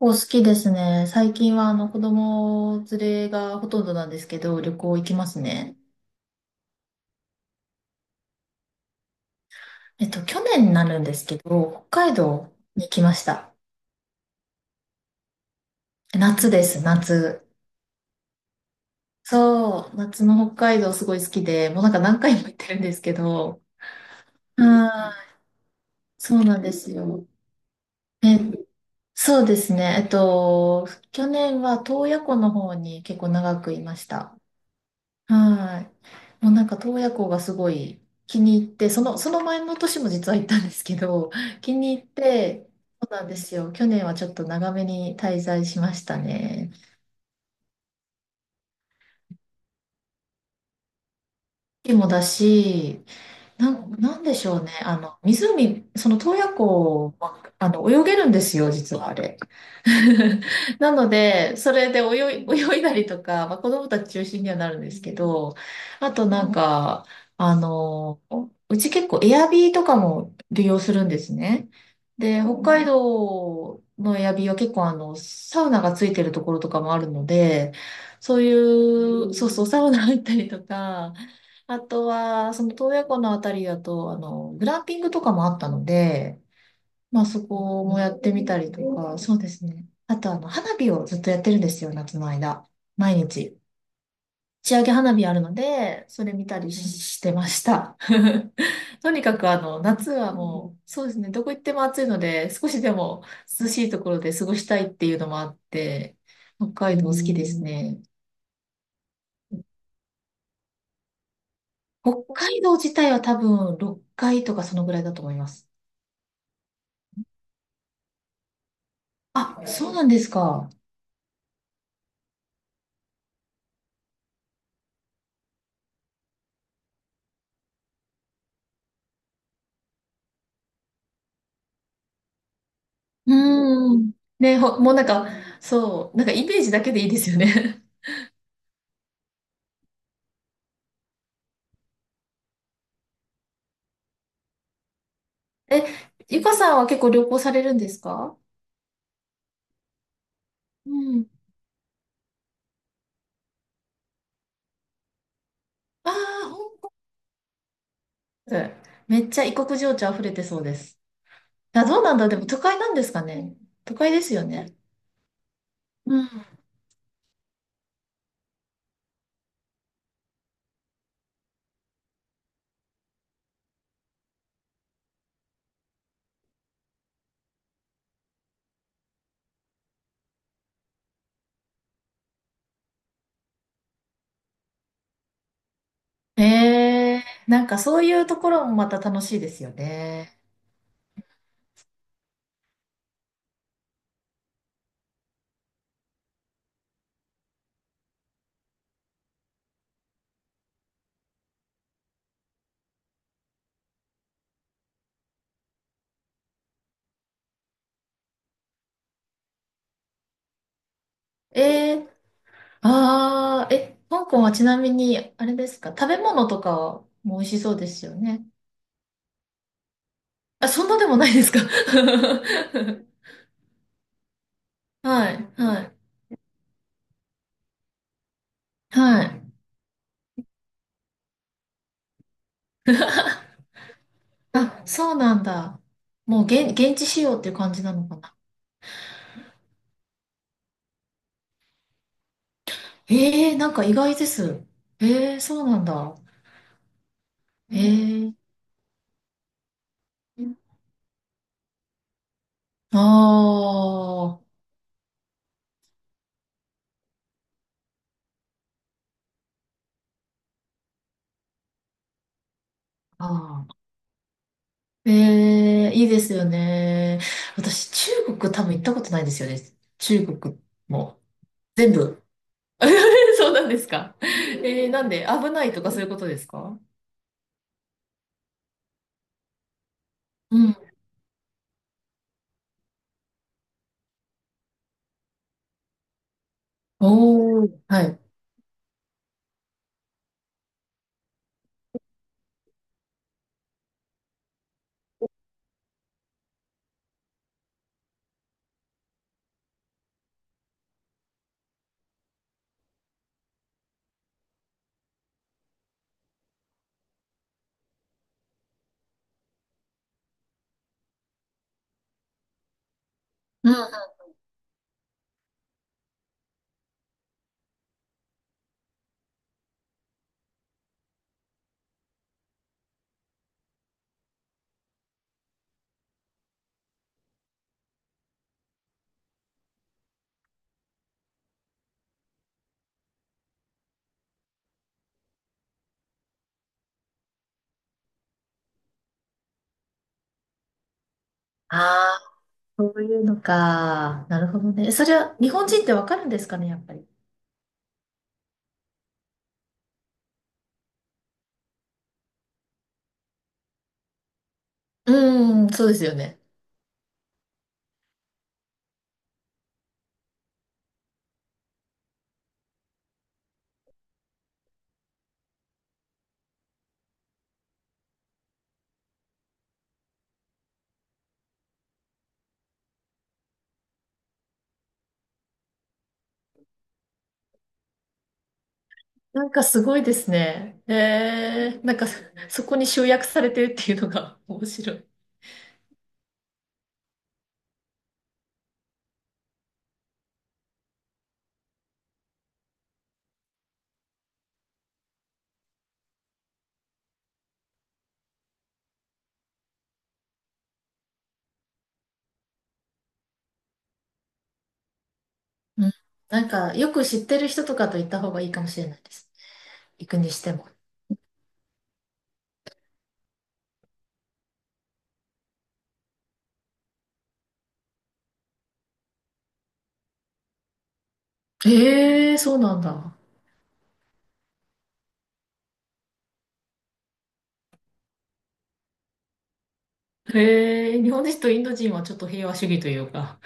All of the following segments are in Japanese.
お好きですね。最近は子供連れがほとんどなんですけど、旅行行きますね。去年になるんですけど、北海道に来ました。夏です、夏。そう、夏の北海道すごい好きで、もう何回も行ってるんですけど、はい、そうなんですよ。え、そうですね。去年は洞爺湖の方に結構長くいました。はい。もうなんか洞爺湖がすごい気に入って、その前の年も実は行ったんですけど、気に入って、そうなんですよ。去年はちょっと長めに滞在しましたね。雪もだし、なんでしょうね。湖、その洞爺湖は、泳げるんですよ、実はあれ。なので、それで泳いだりとか、まあ、子供たち中心にはなるんですけど、あとなんか、あの、うち結構エアビーとかも利用するんですね。で、北海道のエアビーは結構サウナがついてるところとかもあるので、そういう、そうそう、サウナ入ったりとか、あとは、その洞爺湖のあたりだと、グランピングとかもあったので、まあそこもやってみたりとか、そうですね。あと、花火をずっとやってるんですよ、夏の間。毎日。打ち上げ花火あるので、それ見たりしてました。とにかく、夏はもう、そうですね、どこ行っても暑いので、少しでも涼しいところで過ごしたいっていうのもあって、北海道好きですね。北海道自体は多分6回とかそのぐらいだと思います。あ、そうなんですか。うーん。もうなんか、そう、なんかイメージだけでいいですよね。え、ゆかさんは結構旅行されるんですか？うん。ああ、本当。めっちゃ異国情緒溢れてそうです。あ、どうなんだ、でも都会なんですかね。都会ですよね。うん。ええ、なんかそういうところもまた楽しいですよね。ええ、ああー、え、香港はちなみに、あれですか、食べ物とかも美味しそうですよね。あ、そんなでもないですか？ はい、はい、はい。あ、そうなんだ。もう現地仕様っていう感じなのかな。ええ、なんか意外です。ええ、そうなんだ。ええ、あー、あー、ええ、いいですよね。私、中国多分行ったことないですよね。中国も。全部。そうなんですか。ええ、なんで、危ないとかそういうことですか？うん。おー、はい。うん。あ、そういうのか。なるほどね。それは日本人ってわかるんですかね、やっぱり。うーん、そうですよね。なんかすごいですね。えー、なんかそこに集約されてるっていうのが 面白い。うん。なんか、よく知ってる人とかと行った方がいいかもしれないです。行くにしても。えー、そうなんだ。えー、日本人とインド人はちょっと平和主義というか。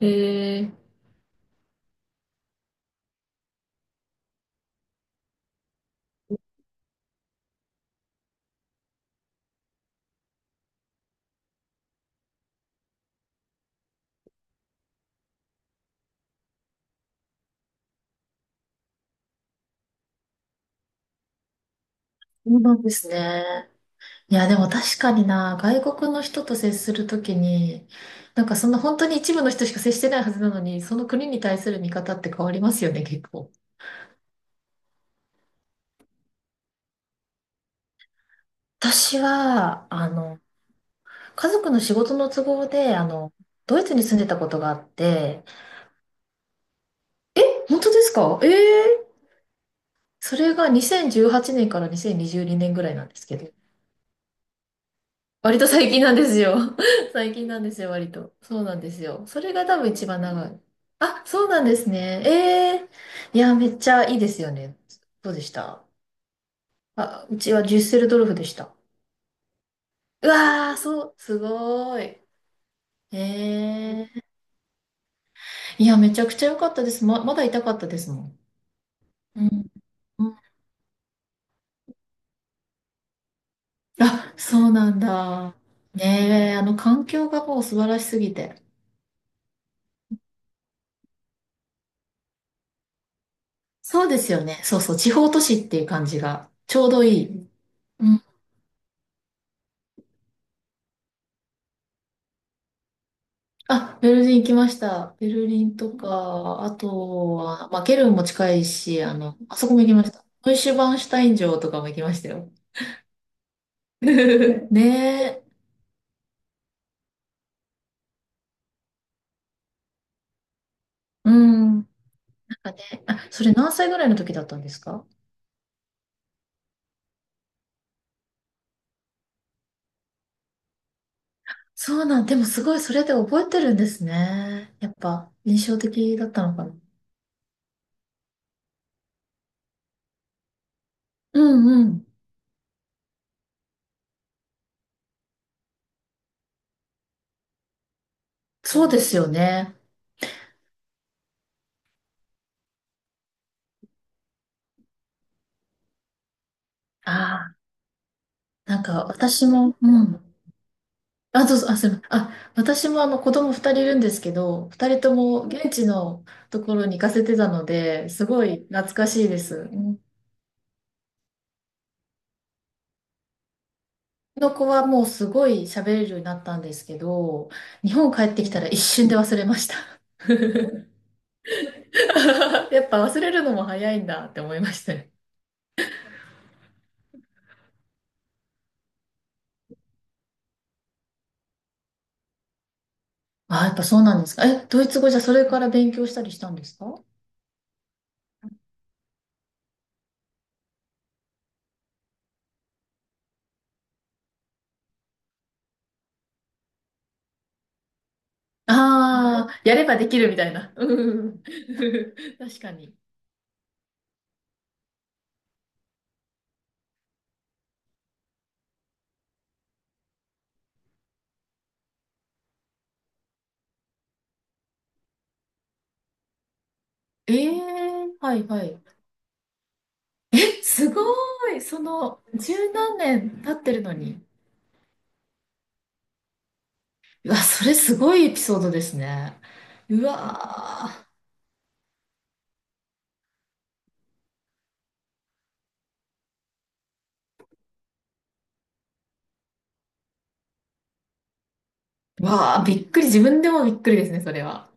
えー、そうなんですね。いや、でも確かにな、外国の人と接するときに、なんかそんな本当に一部の人しか接してないはずなのに、その国に対する見方って変わりますよね、結構。私は、家族の仕事の都合で、ドイツに住んでたことがあって、本当ですか？ええー、それが2018年から2022年ぐらいなんですけど、割と最近なんですよ。最近なんですよ、割と。そうなんですよ。それが多分一番長い。あ、そうなんですね。ええ、いや、めっちゃいいですよね。どうでした？あ、うちはデュッセルドルフでした。うわー、そう、すごーい。ええ、いや、めちゃくちゃ良かったです。まだ痛かったですもん。うん、うん、あ、そうなんだ。ねえ、あの環境がもう素晴らしすぎて。そうですよね。そうそう、地方都市っていう感じがちょうどいい。うん、あ、ベルリン行きました。ベルリンとか、あとは、まあ、ケルンも近いし、あそこも行きました。ノイシュバンシュタイン城とかも行きましたよ。ねえ。うん。なんかね、あ、それ何歳ぐらいの時だったんですか？そうなん、でもすごいそれで覚えてるんですね。やっぱ印象的だったのかな。うんうん。そうですよね。ああ、なんか私も、うん。あ、どうぞ、あ、すいません。あ、私も子供2人いるんですけど、2人とも現地のところに行かせてたので、すごい懐かしいです。うんの子はもうすごい喋れるようになったんですけど、日本帰ってきたら一瞬で忘れました。やっぱ忘れるのも早いんだって思いましたね。あ、やっぱそうなんですか。え、ドイツ語じゃそれから勉強したりしたんですか？ああー、やればできるみたいな。うん 確かに。ええ、はいはい。え、すごい。その、十何年経ってるのに。うわ、それすごいエピソードですね。うわー。わあ、びっくり。自分でもびっくりですね、それは。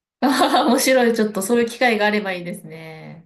あはは面白い。ちょっとそういう機会があればいいですね。